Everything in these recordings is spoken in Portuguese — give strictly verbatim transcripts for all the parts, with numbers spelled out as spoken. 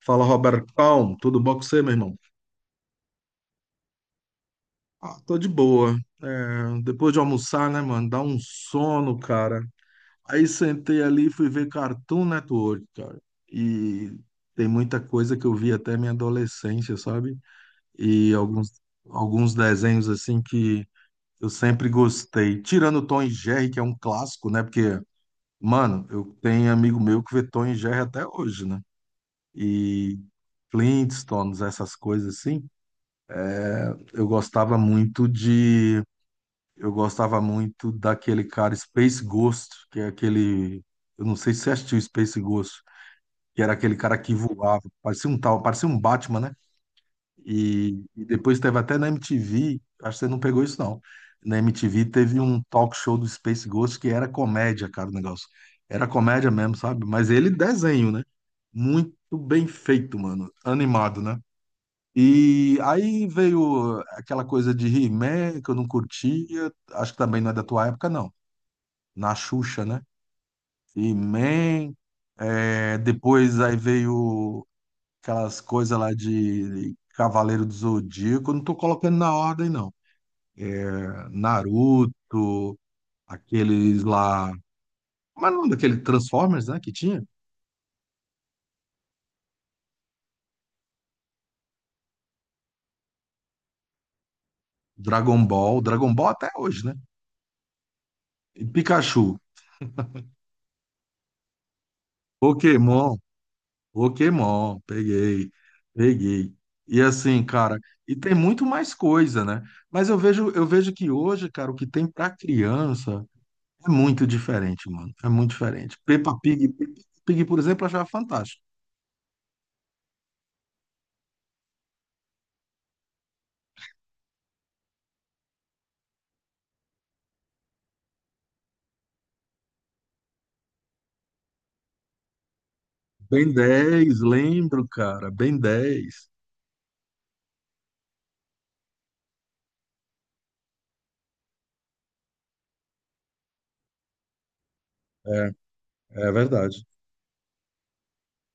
Fala, Robert Palm, tudo bom com você, meu irmão? Ah, tô de boa. É, depois de almoçar, né, mano? Dá um sono, cara. Aí sentei ali e fui ver Cartoon Network, cara. E tem muita coisa que eu vi até minha adolescência, sabe? E alguns, alguns desenhos, assim, que eu sempre gostei. Tirando Tom e Jerry, que é um clássico, né? Porque, mano, eu tenho amigo meu que vê Tom e Jerry até hoje, né? E Flintstones, essas coisas assim. Eu gostava muito de. Eu gostava muito daquele cara Space Ghost, que é aquele. Eu não sei se você assistiu Space Ghost, que era aquele cara que voava, parecia um tal, parecia um Batman, né? E, e depois teve até na M T V, acho que você não pegou isso não. Na M T V teve um talk show do Space Ghost que era comédia, cara, o negócio. Era comédia mesmo, sabe? Mas ele desenho, né? Muito bem feito, mano. Animado, né? E aí veio aquela coisa de He-Man que eu não curtia, acho que também não é da tua época, não. Na Xuxa, né? He-Man, é, depois aí veio aquelas coisas lá de Cavaleiro do Zodíaco, eu não tô colocando na ordem, não. É, Naruto, aqueles lá. Mas não daquele Transformers, né? Que tinha? Dragon Ball, Dragon Ball até hoje, né? E Pikachu, Pokémon. Pokémon, peguei, peguei. E assim, cara, e tem muito mais coisa, né? Mas eu vejo, eu vejo que hoje, cara, o que tem pra criança é muito diferente, mano. É muito diferente. Peppa Pig, Peppa Pig, por exemplo, eu achava fantástico. Ben dez, lembro, cara, Ben dez, é, é verdade.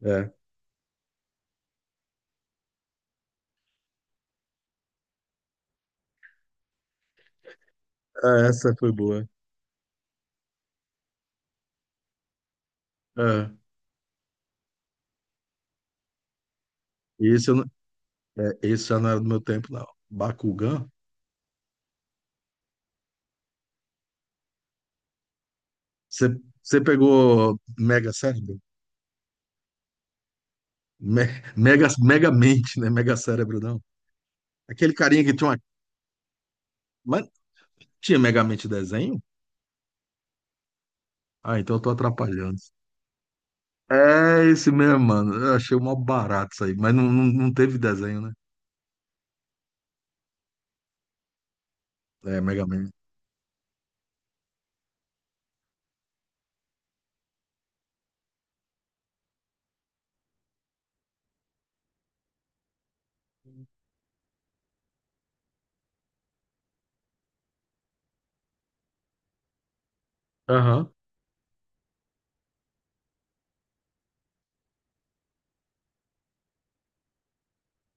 É, é, essa foi boa. É. Esse, eu não, é, esse já não era do meu tempo, não. Bakugan? Você você pegou Mega Cérebro? Me- Mega, mega mente, né? Mega cérebro, não. Aquele carinha que tinha uma. Mas tinha mega mente desenho? Ah, então eu tô atrapalhando. É esse mesmo, mano. Eu achei uma barata isso aí. Mas não, não, não teve desenho, né? É, mega mente. Aham.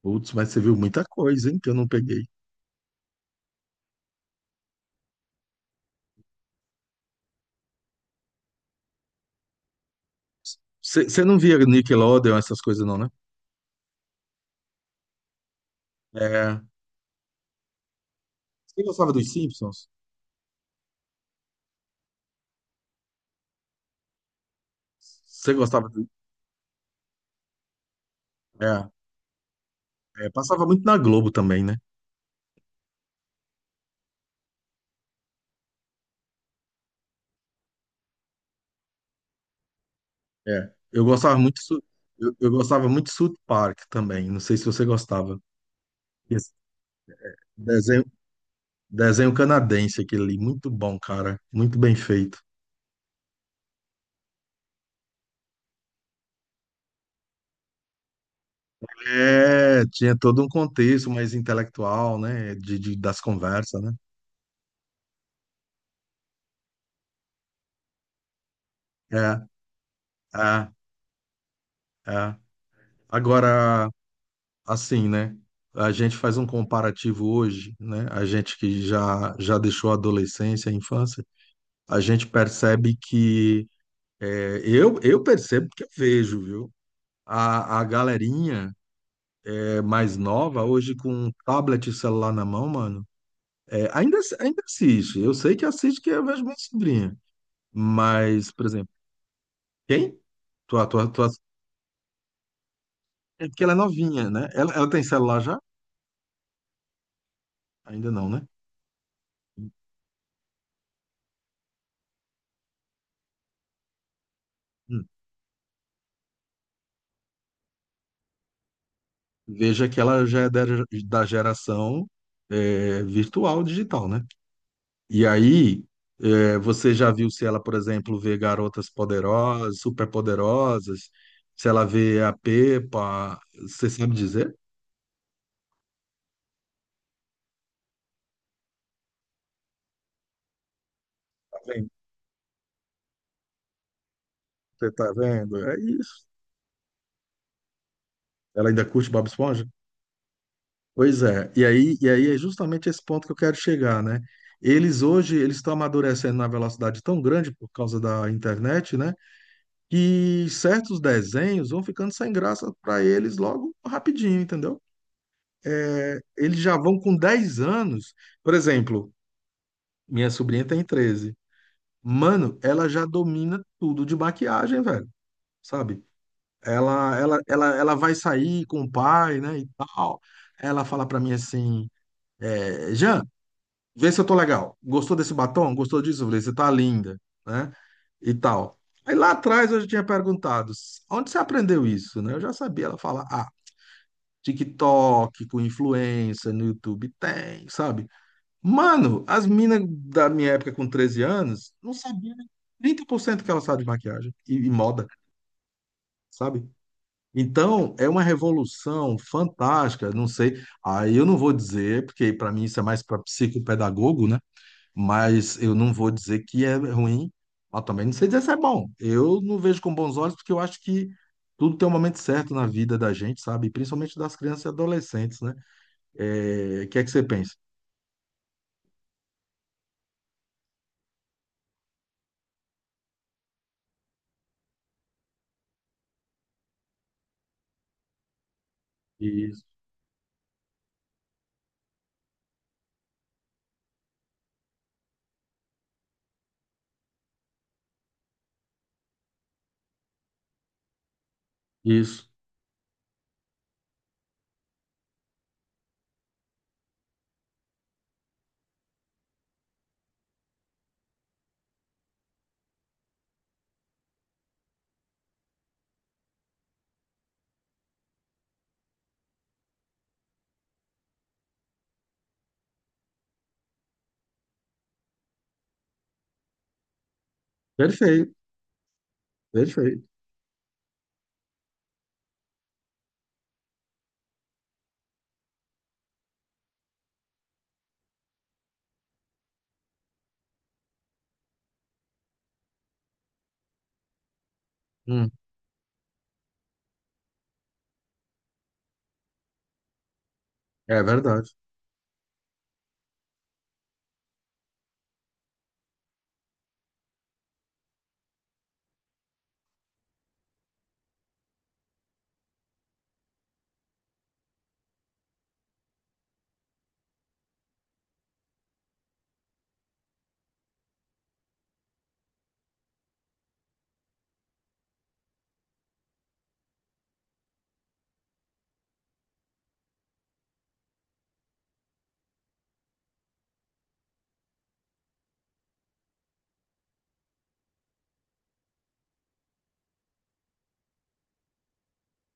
Putz, mas você viu muita coisa, hein? Que eu não peguei. Você você não via Nickelodeon, essas coisas, não, né? É. Você gostava dos Simpsons? Você gostava do. É, é, passava muito na Globo também, né? É. Eu gostava muito. Su- Eu, eu gostava muito de South Park também. Não sei se você gostava. Esse Desenho, desenho canadense, aquele ali, muito bom, cara, muito bem feito. É, tinha todo um contexto mais intelectual, né, de, de- das conversas, né? É, é, é. Agora, assim, né, a gente faz um comparativo hoje, né, a gente que já, já deixou a adolescência, a infância, a gente percebe que, é, eu, eu percebo que eu vejo, viu? A, a galerinha é, mais nova, hoje com tablet e celular na mão, mano, é, ainda, ainda assiste. Eu sei que assiste que eu vejo minha sobrinha. Mas, por exemplo, quem? Tua, tua, tua... É porque ela é novinha, né? Ela, ela tem celular já? Ainda não, né? Hum. Veja que ela já é da, da geração é, virtual, digital, né? E aí, é, você já viu se ela, por exemplo, vê garotas poderosas, superpoderosas, se ela vê a Pepa, você sabe dizer? Tá vendo? Você tá vendo? É isso. Ela ainda curte Bob Esponja? Pois é, e aí, e aí é justamente esse ponto que eu quero chegar, né? Eles hoje, eles estão amadurecendo na velocidade tão grande por causa da internet, né? Que certos desenhos vão ficando sem graça para eles logo rapidinho, entendeu? É, eles já vão com dez anos, por exemplo, minha sobrinha tem treze. Mano, ela já domina tudo de maquiagem, velho, sabe? Ela, ela, ela, ela vai sair com o pai, né, e tal. Ela fala para mim assim, é, vê se eu tô legal. Gostou desse batom? Gostou disso? Eu falei, você tá linda, né? E tal. Aí lá atrás eu já tinha perguntado, onde você aprendeu isso, né? Eu já sabia. Ela fala, ah, TikTok, com influência, no YouTube tem, sabe? Mano, as minas da minha época com treze anos não sabiam nem trinta por cento que ela sabe de maquiagem e, e moda, sabe? Então, é uma revolução fantástica, não sei. Aí eu não vou dizer, porque para mim isso é mais para psicopedagogo, né? Mas eu não vou dizer que é ruim, mas também não sei dizer se é bom. Eu não vejo com bons olhos, porque eu acho que tudo tem um momento certo na vida da gente, sabe? Principalmente das crianças e adolescentes, né? É, o que é que você pensa? Isso, isso. Perfeito, perfeito. Hum, é verdade.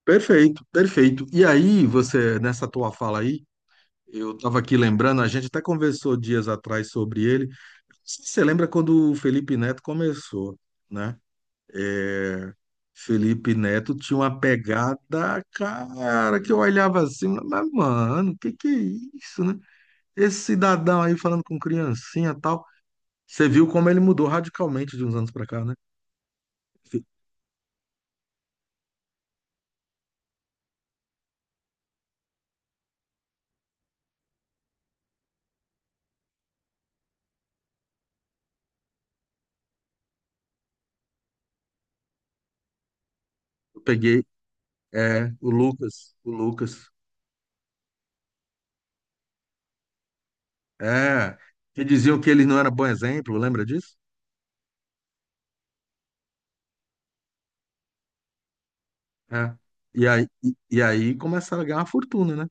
Perfeito, perfeito. E aí, você, nessa tua fala aí, eu estava aqui lembrando, a gente até conversou dias atrás sobre ele. Você lembra quando o Felipe Neto começou, né? Felipe Neto tinha uma pegada, cara, que eu olhava assim, mas, mano, que que é isso, né? Esse cidadão aí falando com criancinha e tal. Você viu como ele mudou radicalmente de uns anos pra cá, né? Eu peguei, é, o Lucas, o Lucas, é, que diziam que ele não era bom exemplo, lembra disso? É. E aí, e, e aí começaram a ganhar uma fortuna, né?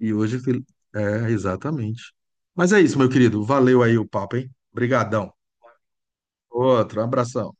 E hoje, Fili- é, exatamente. Mas é isso, meu querido, valeu aí o papo, hein? Obrigadão. Outro, abração.